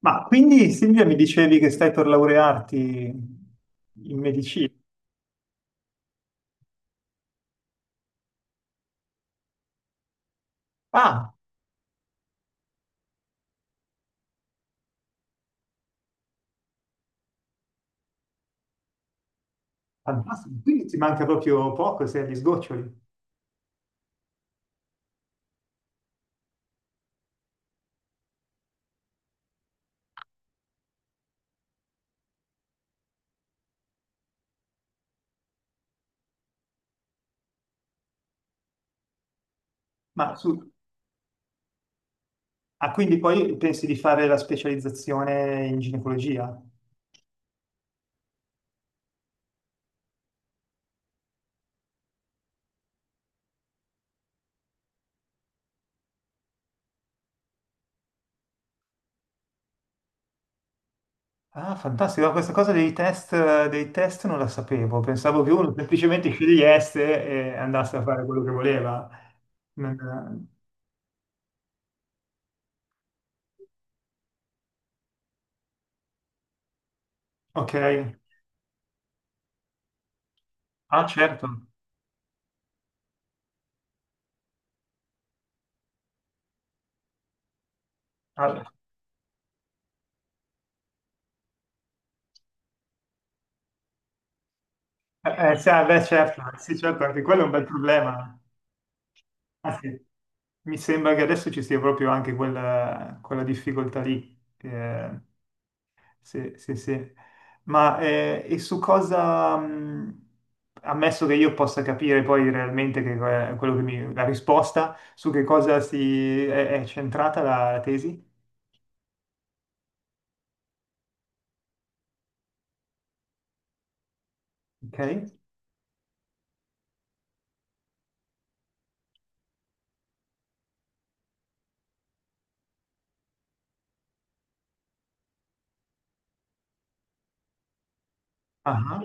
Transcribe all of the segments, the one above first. Ma quindi Silvia mi dicevi che stai per laurearti in medicina. Ah, fantastico, quindi ti manca proprio poco, sei agli sgoccioli. Ma su... Ah, quindi poi pensi di fare la specializzazione in ginecologia? Ah, fantastico, questa cosa dei test non la sapevo, pensavo che uno semplicemente scegliesse e andasse a fare quello che voleva. Non- ok, ah certo. Ah, sì, ah, beh certo, sì certo, anche quello è un bel problema. Ah, sì. Mi sembra che adesso ci sia proprio anche quella, quella difficoltà lì. Sì, sì, sì. Ma e su cosa, ammesso che io possa capire poi realmente che, que- quello che mi, la risposta, su che cosa si, è centrata la, la tesi? Ok? Ah,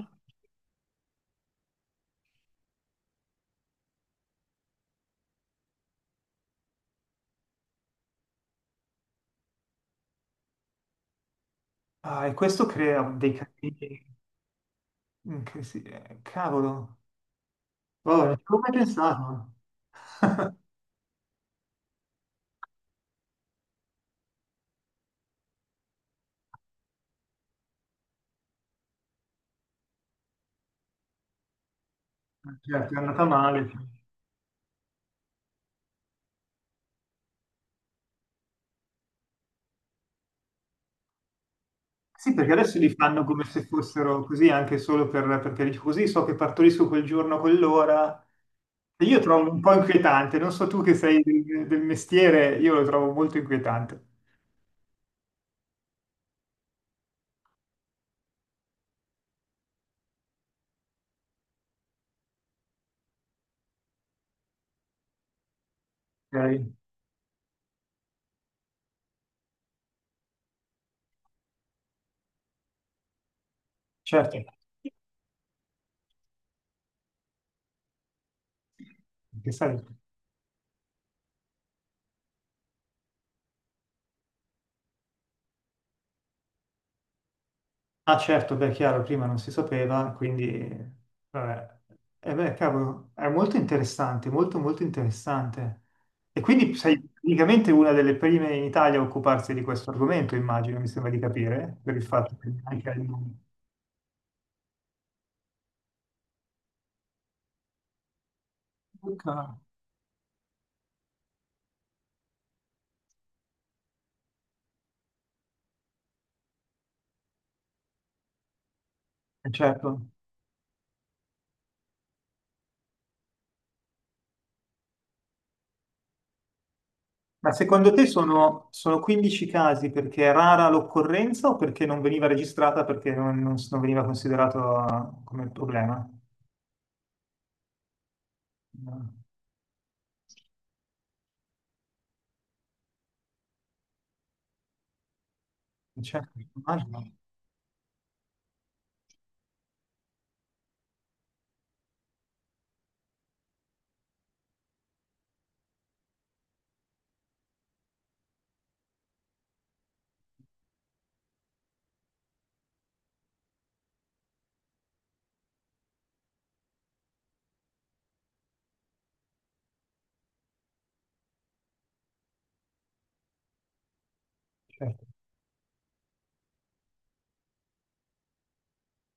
ah, e questo crea dei casini. Che si- cavolo, oh, non ci avevo mai pensato. Certo, è andata male, cioè. Sì, perché adesso li fanno come se fossero così anche solo per, perché dici così so che partorisco quel giorno, quell'ora. E io trovo un po' inquietante, non so tu che sei del, del mestiere, io lo trovo molto inquietante. Ok? Certo. Che sai? Ah certo, beh, chiaro, prima non si sapeva, quindi... Vabbè. Eh beh, cavolo, è molto interessante, molto molto interessante. E quindi sei praticamente una delle prime in Italia a occuparsi di questo argomento, immagino, mi sembra di capire, per il fatto che anche al mondo. Ok. Certo. Ma secondo te sono, sono 15 casi perché è rara l'occorrenza o perché non veniva registrata perché non veniva considerato come problema? No. Certo, immagino. Certo.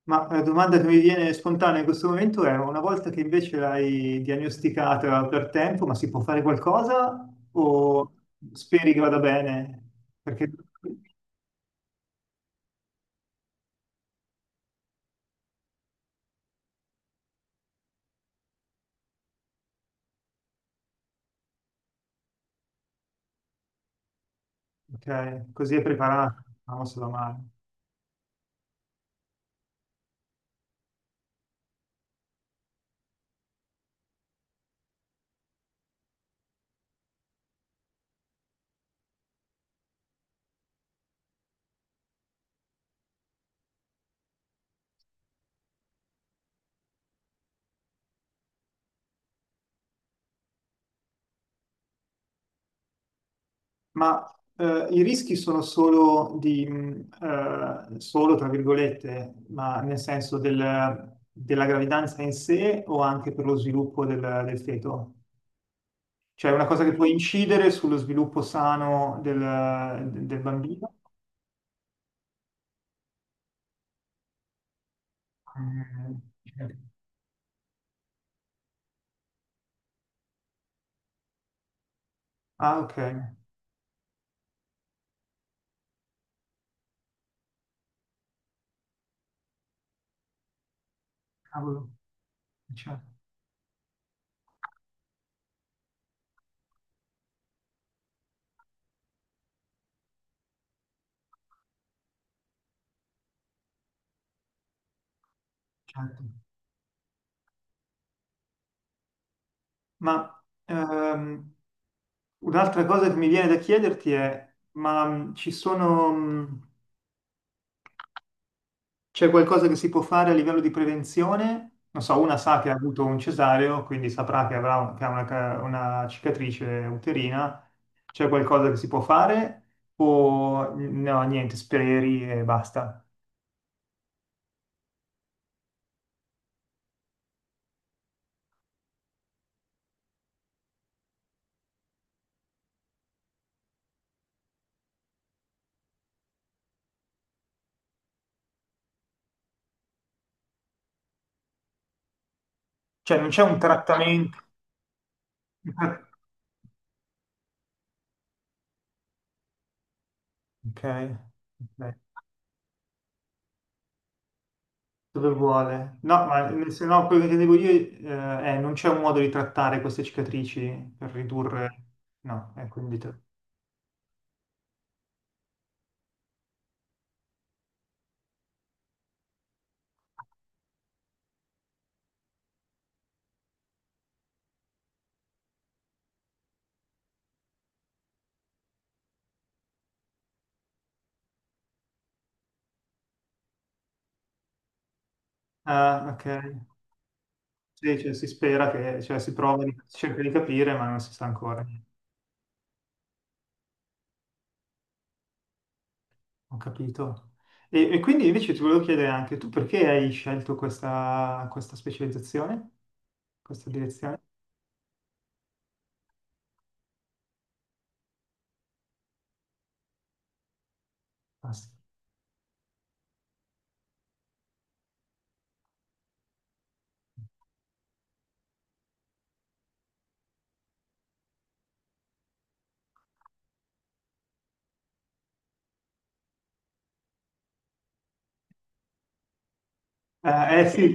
Ma la domanda che mi viene spontanea in questo momento è, una volta che invece l'hai diagnosticata per tempo, ma si può fare qualcosa o speri che vada bene? Perché ok, così è preparato, non se va male. Ma i rischi sono solo di, solo tra virgolette, ma nel senso del- della gravidanza in sé o anche per lo sviluppo del, del feto? Cioè è una cosa che può incidere sullo sviluppo sano del, del bambino. Eh, Ah, ok. Cavolo. Certo, certo. Ma un'altra cosa che mi viene da chiederti è, ma ci sono... c'è qualcosa che si può fare a livello di prevenzione? Non so, una sa che ha avuto un cesareo, quindi saprà che avrà che ha una, ca- una cicatrice uterina. C'è qualcosa che si può fare? O no, niente, speri e basta. Cioè, non c'è un trattamento. Ok, ok. Dove vuole? No, ma se no, quello che devo dire è non c'è un modo di trattare queste cicatrici per ridurre. No, quindi, te- ah, ok. Sì, cioè, si spera che, cioè, si prova, di- si cerca di capire, ma non si sa ancora. Ho capito. E quindi invece ti volevo chiedere anche tu perché hai scelto questa, questa specializzazione, questa direzione? Ah, sì. Sì,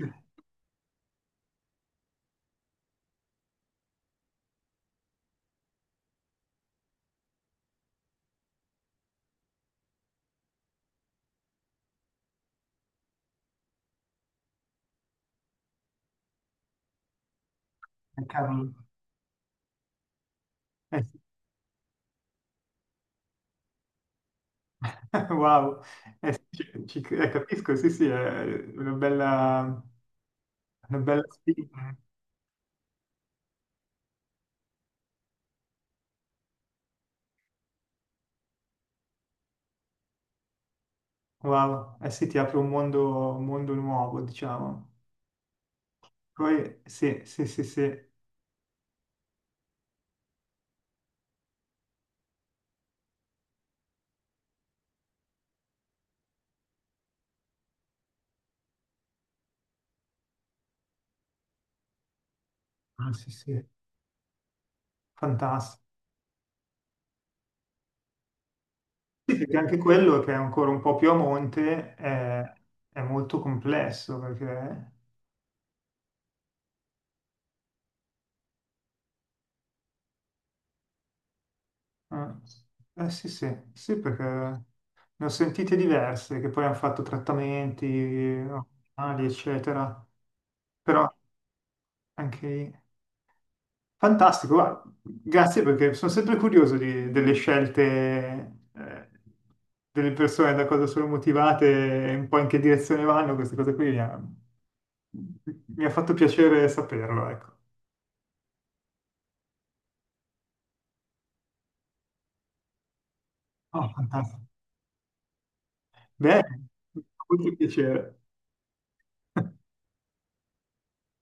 cavolo. Sì. Wow, sì, ci- ci- capisco, sì, sì, è una bella, una bella sfida. Wow, eh sì, ti apre un mondo nuovo, diciamo. Poi, sì, sì, sì, sì, ah, sì, sì, fantastico. Sì, perché anche quello che è ancora un po' più a monte è molto complesso perché... Eh, sì, sì, sì, perché ne ho sentite diverse che poi hanno fatto trattamenti ormonali, eccetera. Però anche... Fantastico, guarda, grazie perché sono sempre curioso di- delle scelte, delle persone, da cosa sono motivate e un po' in che direzione vanno, queste cose qui mi ha fatto piacere saperlo, ecco. Oh, fantastico. Beh, molto piacere.